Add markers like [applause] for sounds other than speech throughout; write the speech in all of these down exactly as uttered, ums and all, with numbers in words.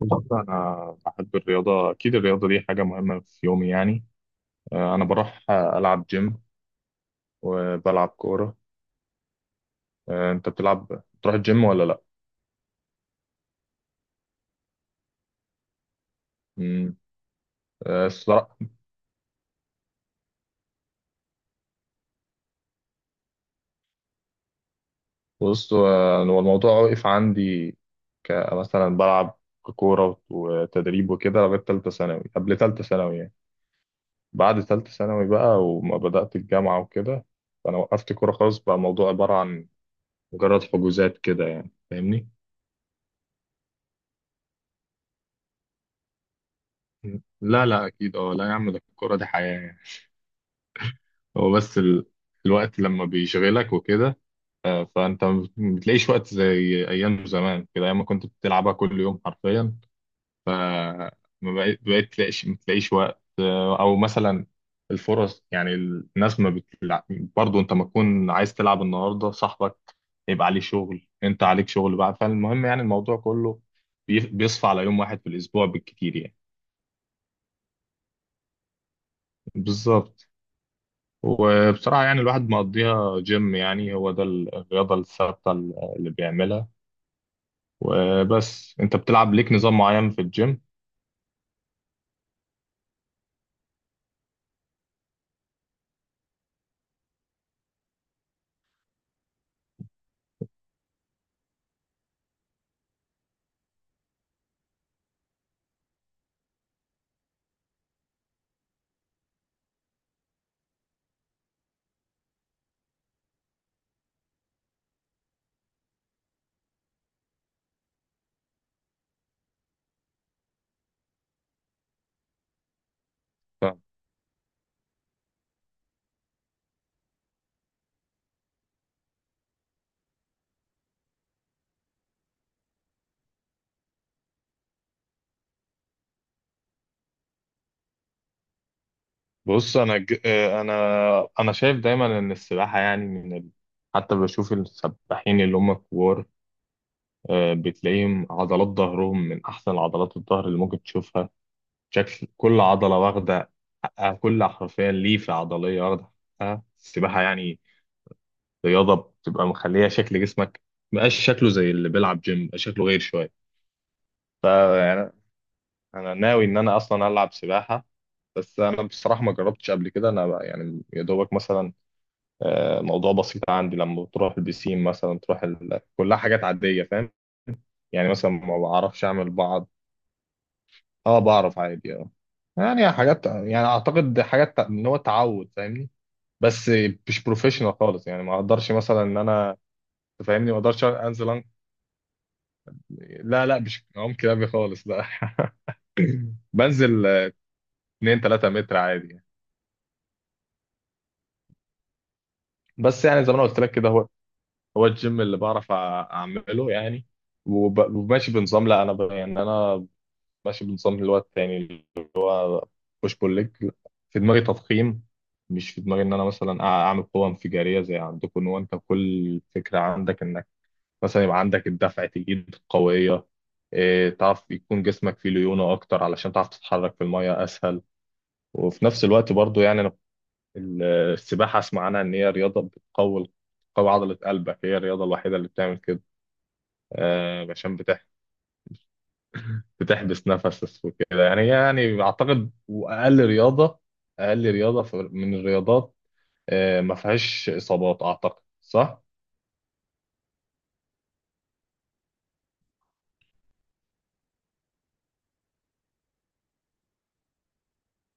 بصراحة أنا بحب الرياضة، أكيد الرياضة دي حاجة مهمة في يومي يعني. آه، أنا بروح آه، ألعب جيم وبلعب كورة. آه، أنت بتلعب بتروح الجيم ولا لأ؟ مم. آه، الصراحة بص، آه، هو الموضوع وقف عندي كمثلا بلعب كورة وتدريب وكده لغاية تالتة ثانوي، قبل تالتة ثانوي يعني. بعد تالتة ثانوي بقى وما بدأت الجامعة وكده، فأنا وقفت كورة خالص، بقى الموضوع عبارة عن مجرد حجوزات كده يعني، فاهمني؟ لا لا اكيد اه، لا يا عم ده الكوره دي حياه يعني. هو بس ال... الوقت لما بيشغلك وكده، آه، فانت ما بتلاقيش وقت زي ايام زمان كده، ايام ما كنت بتلعبها كل يوم حرفيا. ف ما بقيت بقيت تلاقيش ما تلاقيش وقت، آه، او مثلا الفرص يعني الناس ما بتلعب برضه، انت ما تكون عايز تلعب النهارده صاحبك يبقى عليه شغل، انت عليك شغل بقى، فالمهم يعني الموضوع كله بي- بيصفى على يوم واحد في الاسبوع بالكتير يعني. بالظبط. وبصراحة يعني الواحد مقضيها جيم، يعني هو ده الرياضة الثابتة اللي بيعملها. وبس انت بتلعب ليك نظام معين في الجيم؟ بص انا ج... انا انا شايف دايما ان السباحة يعني من ال... حتى بشوف السباحين اللي هم كبار، آه، بتلاقيهم عضلات ظهرهم من احسن عضلات الظهر اللي ممكن تشوفها. شكل كل عضلة واخدة حقها، كل حرفيا ليفة عضلية واخدة حقها، السباحة يعني رياضه بتبقى مخليه شكل جسمك مبقاش شكله زي اللي بيلعب جيم، بقى شكله غير شويه. فيعني انا ناوي ان انا اصلا العب سباحه، بس انا بصراحه ما جربتش قبل كده، انا بقى يعني يا دوبك مثلا، آه، موضوع بسيط عندي لما تروح البسين مثلا تروح ال... كلها حاجات عاديه فاهم. يعني مثلا ما بعرفش اعمل بعض، اه بعرف عادي اه، يعني حاجات يعني اعتقد حاجات تع- ان هو تعود فاهمني، بس مش بروفيشنال خالص يعني، ما اقدرش مثلا ان انا تفهمني ما اقدرش انزل. لا لا مش عم كلابي خالص لا. [laughs] بنزل اتنين تلاتة متر عادي يعني. بس يعني زي ما انا قلت لك كده، هو هو الجيم اللي بعرف أع- اعمله يعني. وب- وماشي بنظام، لا انا ب... يعني انا ماشي بنظام اللي هو التاني، اللي هو بوش بول ليج. في دماغي تضخيم، مش في دماغي ان انا مثلا أع- اعمل قوه انفجاريه زي عندكم، ان هو انت كل فكره عندك انك مثلا يبقى عندك الدفع تجيب قويه، إيه، تعرف يكون جسمك فيه ليونه اكتر علشان تعرف تتحرك في الميه اسهل. وفي نفس الوقت برضو يعني أنا ال- السباحة أسمع عنها إن هي رياضة بتقوي بتقوي عضلة قلبك، هي الرياضة الوحيدة اللي بتعمل كده. آه، عشان بتح- بتحبس نفسك وكده يعني، هي يعني أعتقد وأقل رياضة، أقل رياضة في- من الرياضات، آه، ما فيهاش إصابات، أعتقد صح؟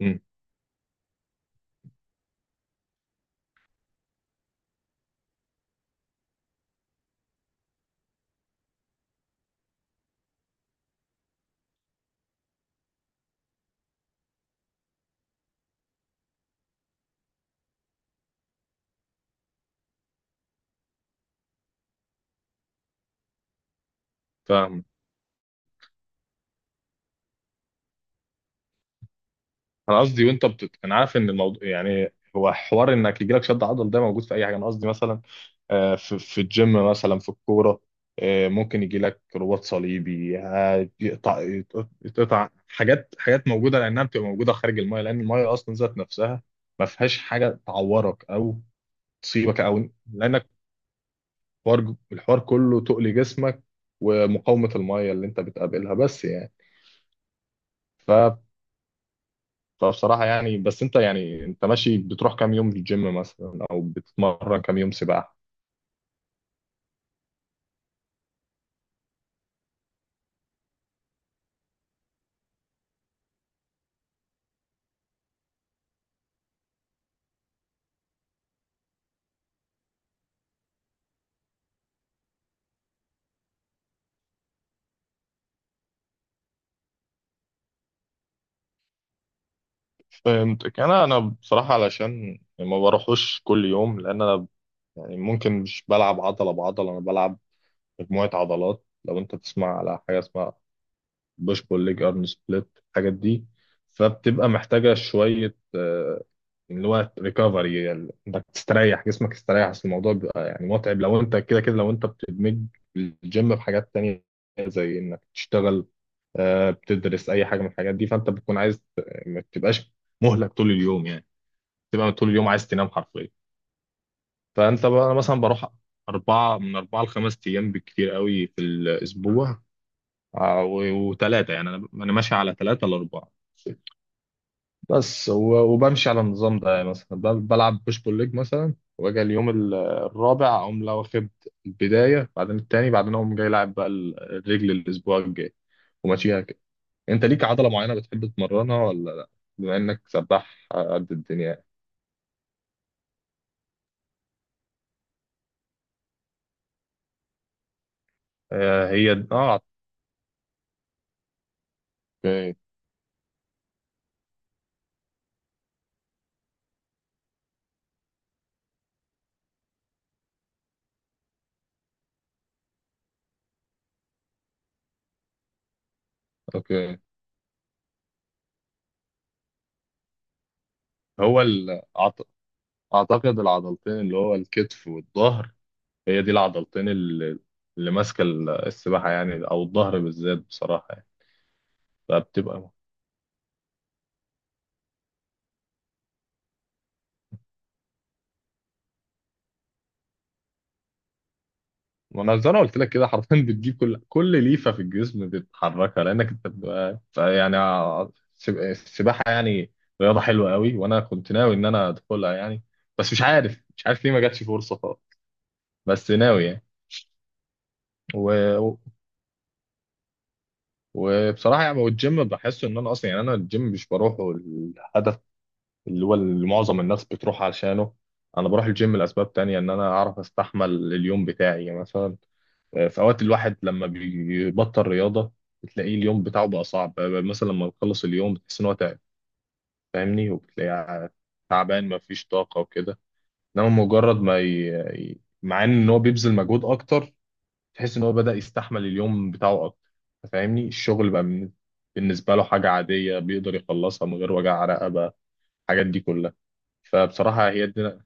مم. فاهم. أنا قصدي وأنت بتت... أنا عارف إن الموضوع يعني هو حوار إنك يجيلك شد عضل، ده موجود في أي حاجة. أنا قصدي مثلا، آه، في في الجيم، مثلا في الكورة، آه، ممكن يجي لك رباط صليبي آه، يقطع يقطع حاجات حاجات موجودة لأنها بتبقى موجودة خارج المايه، لأن المايه أصلا ذات نفسها ما فيهاش حاجة تعورك أو تصيبك، أو لأنك الحوار الحوار كله تقل جسمك ومقاومة المايه اللي أنت بتقابلها بس يعني. ف فبصراحة يعني بس أنت يعني أنت ماشي بتروح كام يوم الجيم مثلا؟ أو بتتمرن كام يوم سباحة؟ فهمتك. انا انا بصراحه علشان ما بروحوش كل يوم، لان انا يعني ممكن مش بلعب عضله بعضله، انا بلعب مجموعه عضلات. لو انت تسمع على حاجه اسمها بوش بول ليج ارن سبليت الحاجات دي، فبتبقى محتاجه شويه آه، اللي هو ريكفري يعني، انك تستريح، جسمك يستريح، اصل الموضوع بيبقى يعني متعب لو انت كده كده، لو انت بتدمج الجيم بحاجات تانية زي انك تشتغل، آه، بتدرس، اي حاجه من الحاجات دي، فانت بتكون عايز ما تبقاش مهلك طول اليوم يعني، تبقى طول اليوم عايز تنام حرفيا. فانت بقى أنا مثلا بروح اربعه، من اربعه لخمس ايام بالكتير قوي في الاسبوع. وثلاثه يعني انا انا ماشي على ثلاثه لاربعه. بس و- وبمشي على النظام ده يعني، مثلا ب- بلعب بوش بول ليج مثلا، واجي اليوم ال- الرابع اقوم لو واخد البدايه، بعدين التاني، بعدين اقوم جاي لاعب بقى ال- الرجل الاسبوع الجاي، وماشيها كده. انت ليك عضله معينه بتحب تمرنها ولا لا، بما انك سباح قد الدنيا؟ آه، هي اه. اوكي. اوكي. هو ال... أعت- اعتقد العضلتين اللي هو الكتف والظهر، هي دي العضلتين اللي، اللي ماسكه ال- السباحه يعني، او الظهر بالذات بصراحه يعني. فبتبقى، ما انا زي ما قلت لك كده حرفيا بتجيب كل كل ليفه في الجسم بتحركها، لانك انت بتبقى يعني ع- السب- السباحه يعني رياضه حلوه قوي، وانا كنت ناوي ان انا ادخلها يعني، بس مش عارف، مش عارف ليه ما جاتش فرصه خالص، بس ناوي يعني. و... وبصراحه يعني، والجيم بحس ان انا اصلا يعني، انا الجيم مش بروحه الهدف اللي هو اللي معظم الناس بتروح عشانه، انا بروح الجيم لاسباب تانية، ان انا اعرف استحمل اليوم بتاعي يعني. مثلا آه، في اوقات الواحد لما بيبطل رياضة بتلاقيه اليوم بتاعه بقى صعب، آه، مثلا لما بيخلص اليوم بتحس ان هو تعب فاهمني، وبتلاقيه ع- تعبان مفيش طاقة وكده. انما مجرد ما ي... ي- مع ان هو بيبذل مجهود اكتر تحس ان هو بدأ يستحمل اليوم بتاعه اكتر، فاهمني. الشغل بقى من- بالنسبة له حاجة عادية بيقدر يخلصها من غير وجع رقبة، الحاجات دي كلها. فبصراحة هي دي.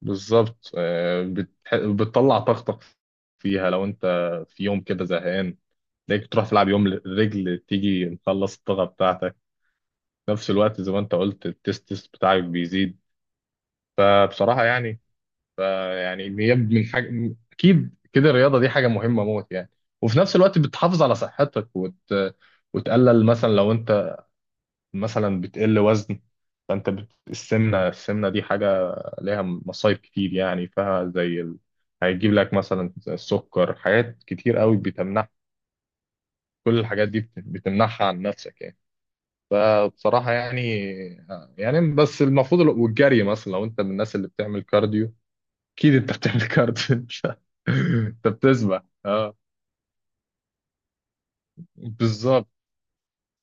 بالظبط. آه، بتح... بتطلع طاقتك فيها، لو انت في يوم كده زهقان تلاقيك تروح تلعب يوم رجل تيجي مخلص الطاقة بتاعتك. في نفس الوقت زي ما انت قلت التستس بتاعك بيزيد. فبصراحة يعني، فيعني هي من حاجة اكيد كده، الرياضة دي حاجة مهمة موت يعني. وفي نفس الوقت بتحافظ على صحتك وت... وتقلل، مثلا لو انت مثلا بتقل وزن، فانت بت... السمنه السمنه دي حاجه ليها مصايب كتير يعني فيها، زي ال... هيجيب لك مثلا السكر، حاجات كتير قوي بتمنع. كل الحاجات دي بت- بتمنعها عن نفسك يعني. فبصراحه يعني، يعني بس المفروض ال- والجري مثلا، لو انت من الناس اللي بتعمل كارديو، اكيد انت بتعمل كارديو. [laughs] انت انت بتسبح اه. بالظبط.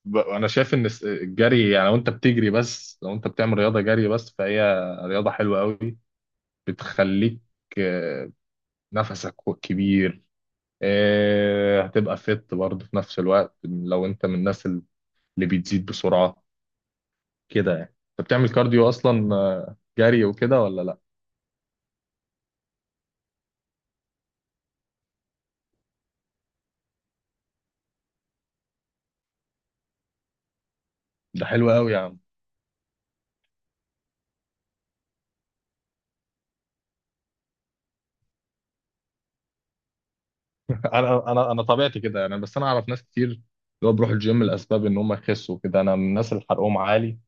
ب- انا شايف ان الس- الجري يعني، لو انت بتجري بس، لو انت بتعمل رياضه جري بس، فهي رياضه حلوه قوي، بتخليك آه، نفسك كبير، آه، هتبقى فت برضه في نفس الوقت لو انت من الناس اللي بتزيد بسرعة كده يعني. انت بتعمل كارديو اصلا، آه، جري وكده، ولا لا؟ ده حلو قوي يا عم. [laughs] انا انا انا طبيعتي كده يعني، بس انا اعرف ناس كتير اللي هو بيروحوا الجيم لاسباب ان هم يخسوا كده، انا من الناس اللي حرقهم عالي،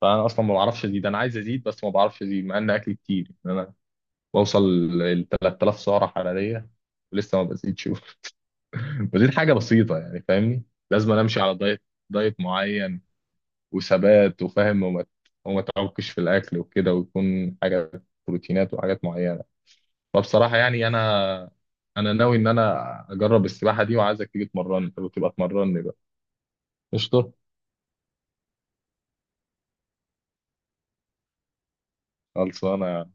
فانا اصلا ما بعرفش ازيد، انا عايز ازيد بس ما بعرفش ازيد، مع ان اكلي كتير يعني. انا بوصل ل تلات آلاف سعره حراريه ولسه ما بزيدش، ودي حاجه بسيطه يعني، فاهمني. لازم أنا امشي على دايت، دايت معين وثبات وفاهم، وما وما تعكش في الاكل وكده، ويكون حاجه بروتينات وحاجات معينه. فبصراحه يعني انا، انا ناوي ان انا اجرب السباحه دي، وعايزك تيجي تمرني، انت بتبقى تمرني بقى. قشطه. خلصانه.